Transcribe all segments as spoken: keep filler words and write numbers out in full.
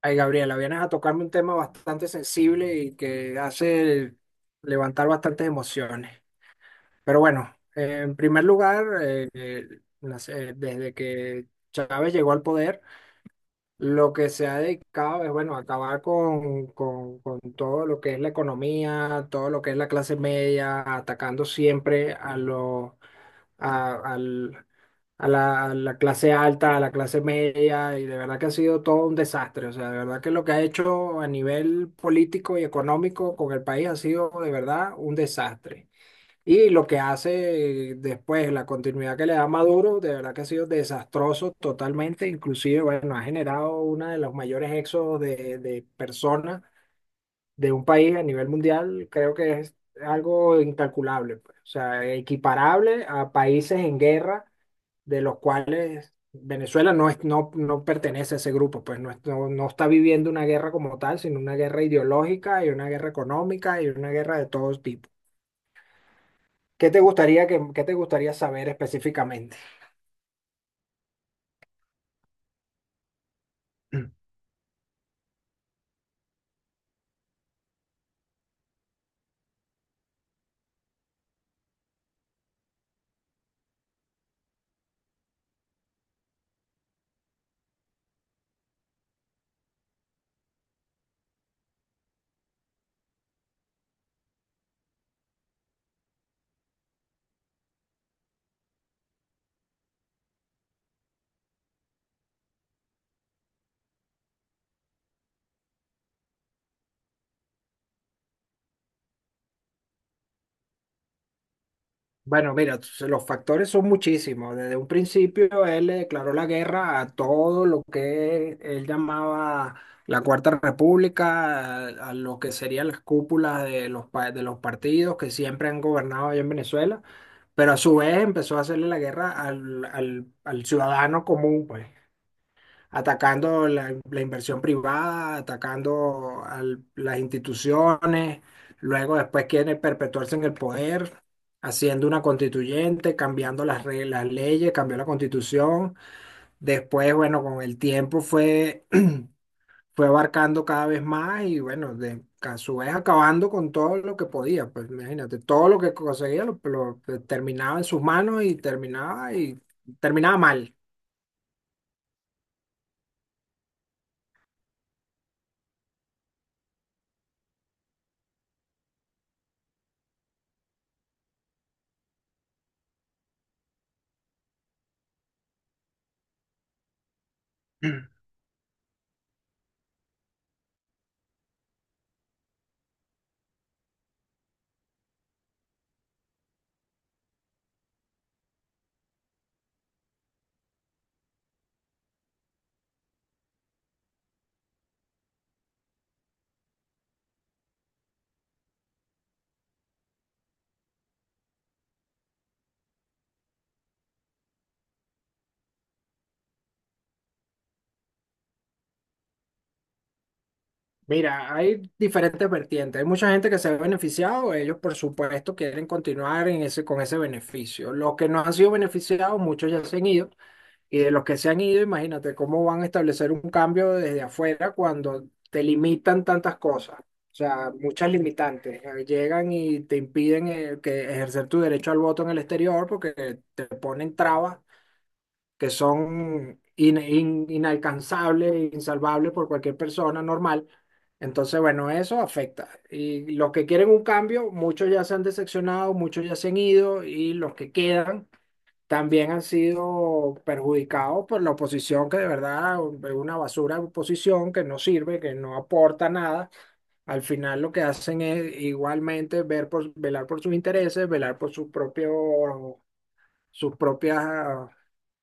Ay, Gabriela, vienes a tocarme un tema bastante sensible y que hace levantar bastantes emociones. Pero bueno, eh, en primer lugar, eh, eh, las- eh, desde que Chávez llegó al poder, lo que se ha dedicado es, bueno, acabar con, con, con todo lo que es la economía, todo lo que es la clase media, atacando siempre a los a, al- a la, a la clase alta, a la clase media, y de verdad que ha sido todo un desastre. O sea, de verdad que lo que ha hecho a nivel político y económico con el país ha sido de verdad un desastre. Y lo que hace después, la continuidad que le da Maduro, de verdad que ha sido desastroso totalmente. Inclusive, bueno, ha generado uno de los mayores éxodos de, de personas de un país a nivel mundial, creo que es algo incalculable, pues. O sea, equiparable a países en guerra de los cuales Venezuela no es, no, no pertenece a ese grupo, pues no, es- no, no está viviendo una guerra como tal, sino una guerra ideológica y una guerra económica y una guerra de todo tipo. ¿Qué te gustaría que, qué te gustaría saber específicamente? Bueno, mira, t- los factores son muchísimos. Desde un principio él le declaró la guerra a todo lo que él llamaba la Cuarta República, a, a lo que serían las cúpulas de los, pa- de los partidos que siempre han gobernado allá en Venezuela, pero a su vez empezó a hacerle la guerra al, al, al ciudadano común, pues atacando la, la inversión privada, atacando a las instituciones, luego después quiere perpetuarse en el poder, haciendo una constituyente, cambiando las reglas, las leyes, cambió la constitución, después, bueno, con el tiempo fue, fue abarcando cada vez más y bueno, de, a su vez acabando con todo lo que podía, pues imagínate, todo lo que conseguía lo, lo terminaba en sus manos y terminaba y terminaba mal. Mira, hay diferentes vertientes. Hay mucha gente que se ha beneficiado, ellos por supuesto quieren continuar en ese, con ese beneficio. Los que no han sido beneficiados, muchos ya se han ido, y de los que se han ido, imagínate cómo van a establecer un cambio desde afuera cuando te limitan tantas cosas. O sea, muchas limitantes. Eh, Llegan y te impiden eh, que ejercer tu derecho al voto en el exterior porque te ponen trabas que son in- in- inalcanzables, insalvables por cualquier persona normal. Entonces, bueno, eso afecta. Y los que quieren un cambio, muchos ya se han decepcionado, muchos ya se han ido y los que quedan también han sido perjudicados por la oposición, que de verdad es una basura de oposición que no sirve, que no aporta nada. Al final lo que hacen es igualmente ver por, velar por sus intereses, velar por sus propios sus propias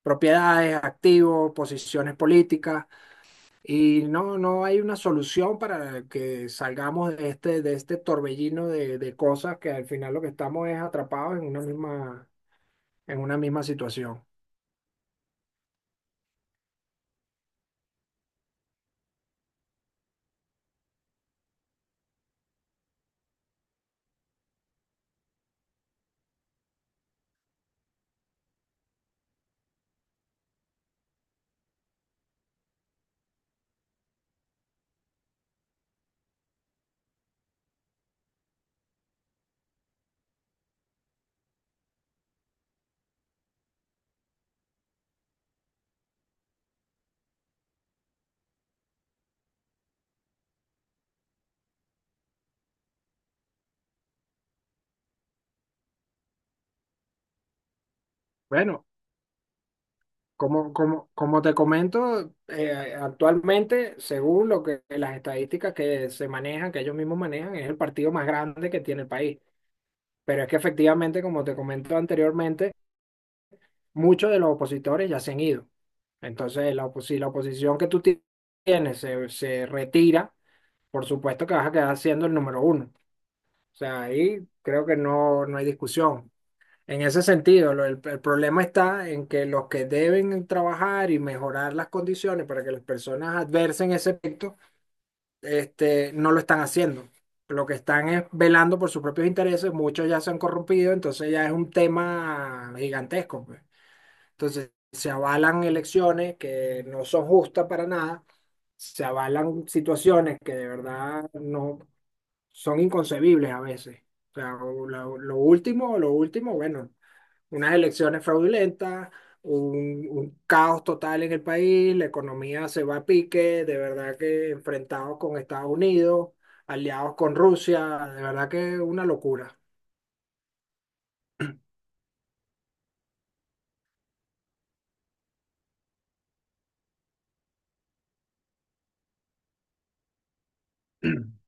propiedades, activos, posiciones políticas, y no, no hay una solución para que salgamos de este, de este torbellino de, de cosas que al final lo que estamos es atrapados en una misma, en una misma situación. Bueno, como, como, como te comento, eh, actualmente, según lo que las estadísticas que se manejan, que ellos mismos manejan, es el partido más grande que tiene el país. Pero es que efectivamente, como te comento anteriormente, muchos de los opositores ya se han ido. Entonces, la opos- si la oposición que tú ti- tienes se, se retira, por supuesto que vas a quedar siendo el número uno. O sea, ahí creo que no, no hay discusión. En ese sentido, lo- el, el problema está en que los que deben trabajar y mejorar las condiciones para que las personas adversen ese efecto, este, no lo están haciendo. Lo que están es velando por sus propios intereses, muchos ya se han corrompido, entonces ya es un tema gigantesco, pues. Entonces, se avalan elecciones que no son justas para nada, se avalan situaciones que de verdad no son inconcebibles a veces. O sea, o lo, lo último, lo último, bueno, unas elecciones fraudulentas, un, un caos total en el país, la economía se va a pique, de verdad que enfrentados con Estados Unidos, aliados con Rusia, de verdad que una locura.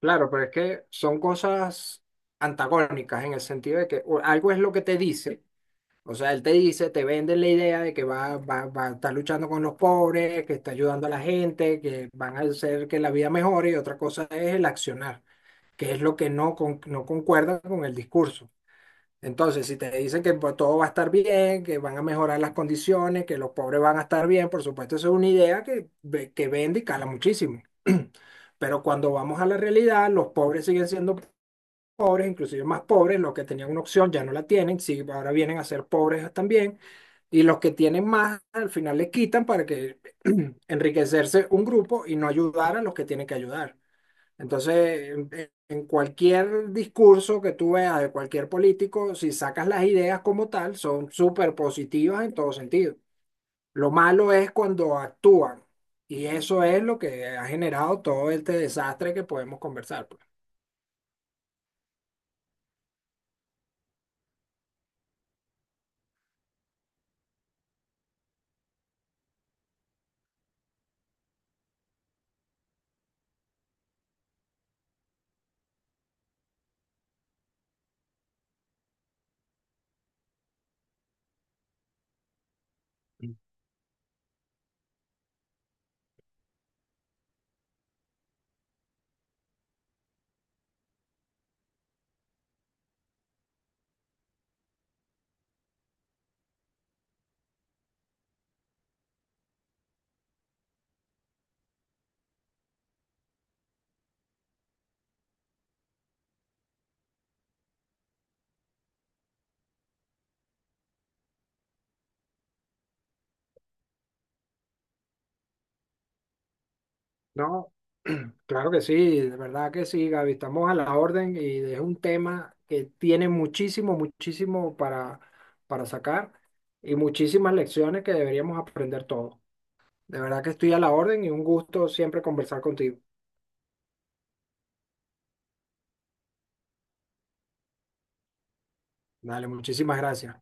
Claro, pero es que son cosas antagónicas en el sentido de que o- algo es lo que te dice, o sea, él te dice, te vende la idea de que va, va, va a estar luchando con los pobres, que está ayudando a la gente, que van a hacer que la vida mejore, y otra cosa es el accionar, que es lo que no, con- no concuerda con el discurso. Entonces, si te dicen que pues, todo va a estar bien, que van a mejorar las condiciones, que los pobres van a estar bien, por supuesto, eso es una idea que, ve- que vende y cala muchísimo. Pero cuando vamos a la realidad, los pobres siguen siendo pobres, inclusive más pobres, los que tenían una opción ya no la tienen, sí, ahora vienen a ser pobres también, y los que tienen más al final les quitan para que enriquecerse un grupo y no ayudar a los que tienen que ayudar. Entonces, en, en cualquier discurso que tú veas de cualquier político, si sacas las ideas como tal, son súper positivas en todo sentido. Lo malo es cuando actúan. Y eso es lo que ha generado todo este desastre que podemos conversar, pues. No, claro que sí, de verdad que sí, Gaby, estamos a la orden y es un tema que tiene muchísimo, muchísimo para, para sacar y muchísimas lecciones que deberíamos aprender todos. De verdad que estoy a la orden y un gusto siempre conversar contigo. Dale, muchísimas gracias.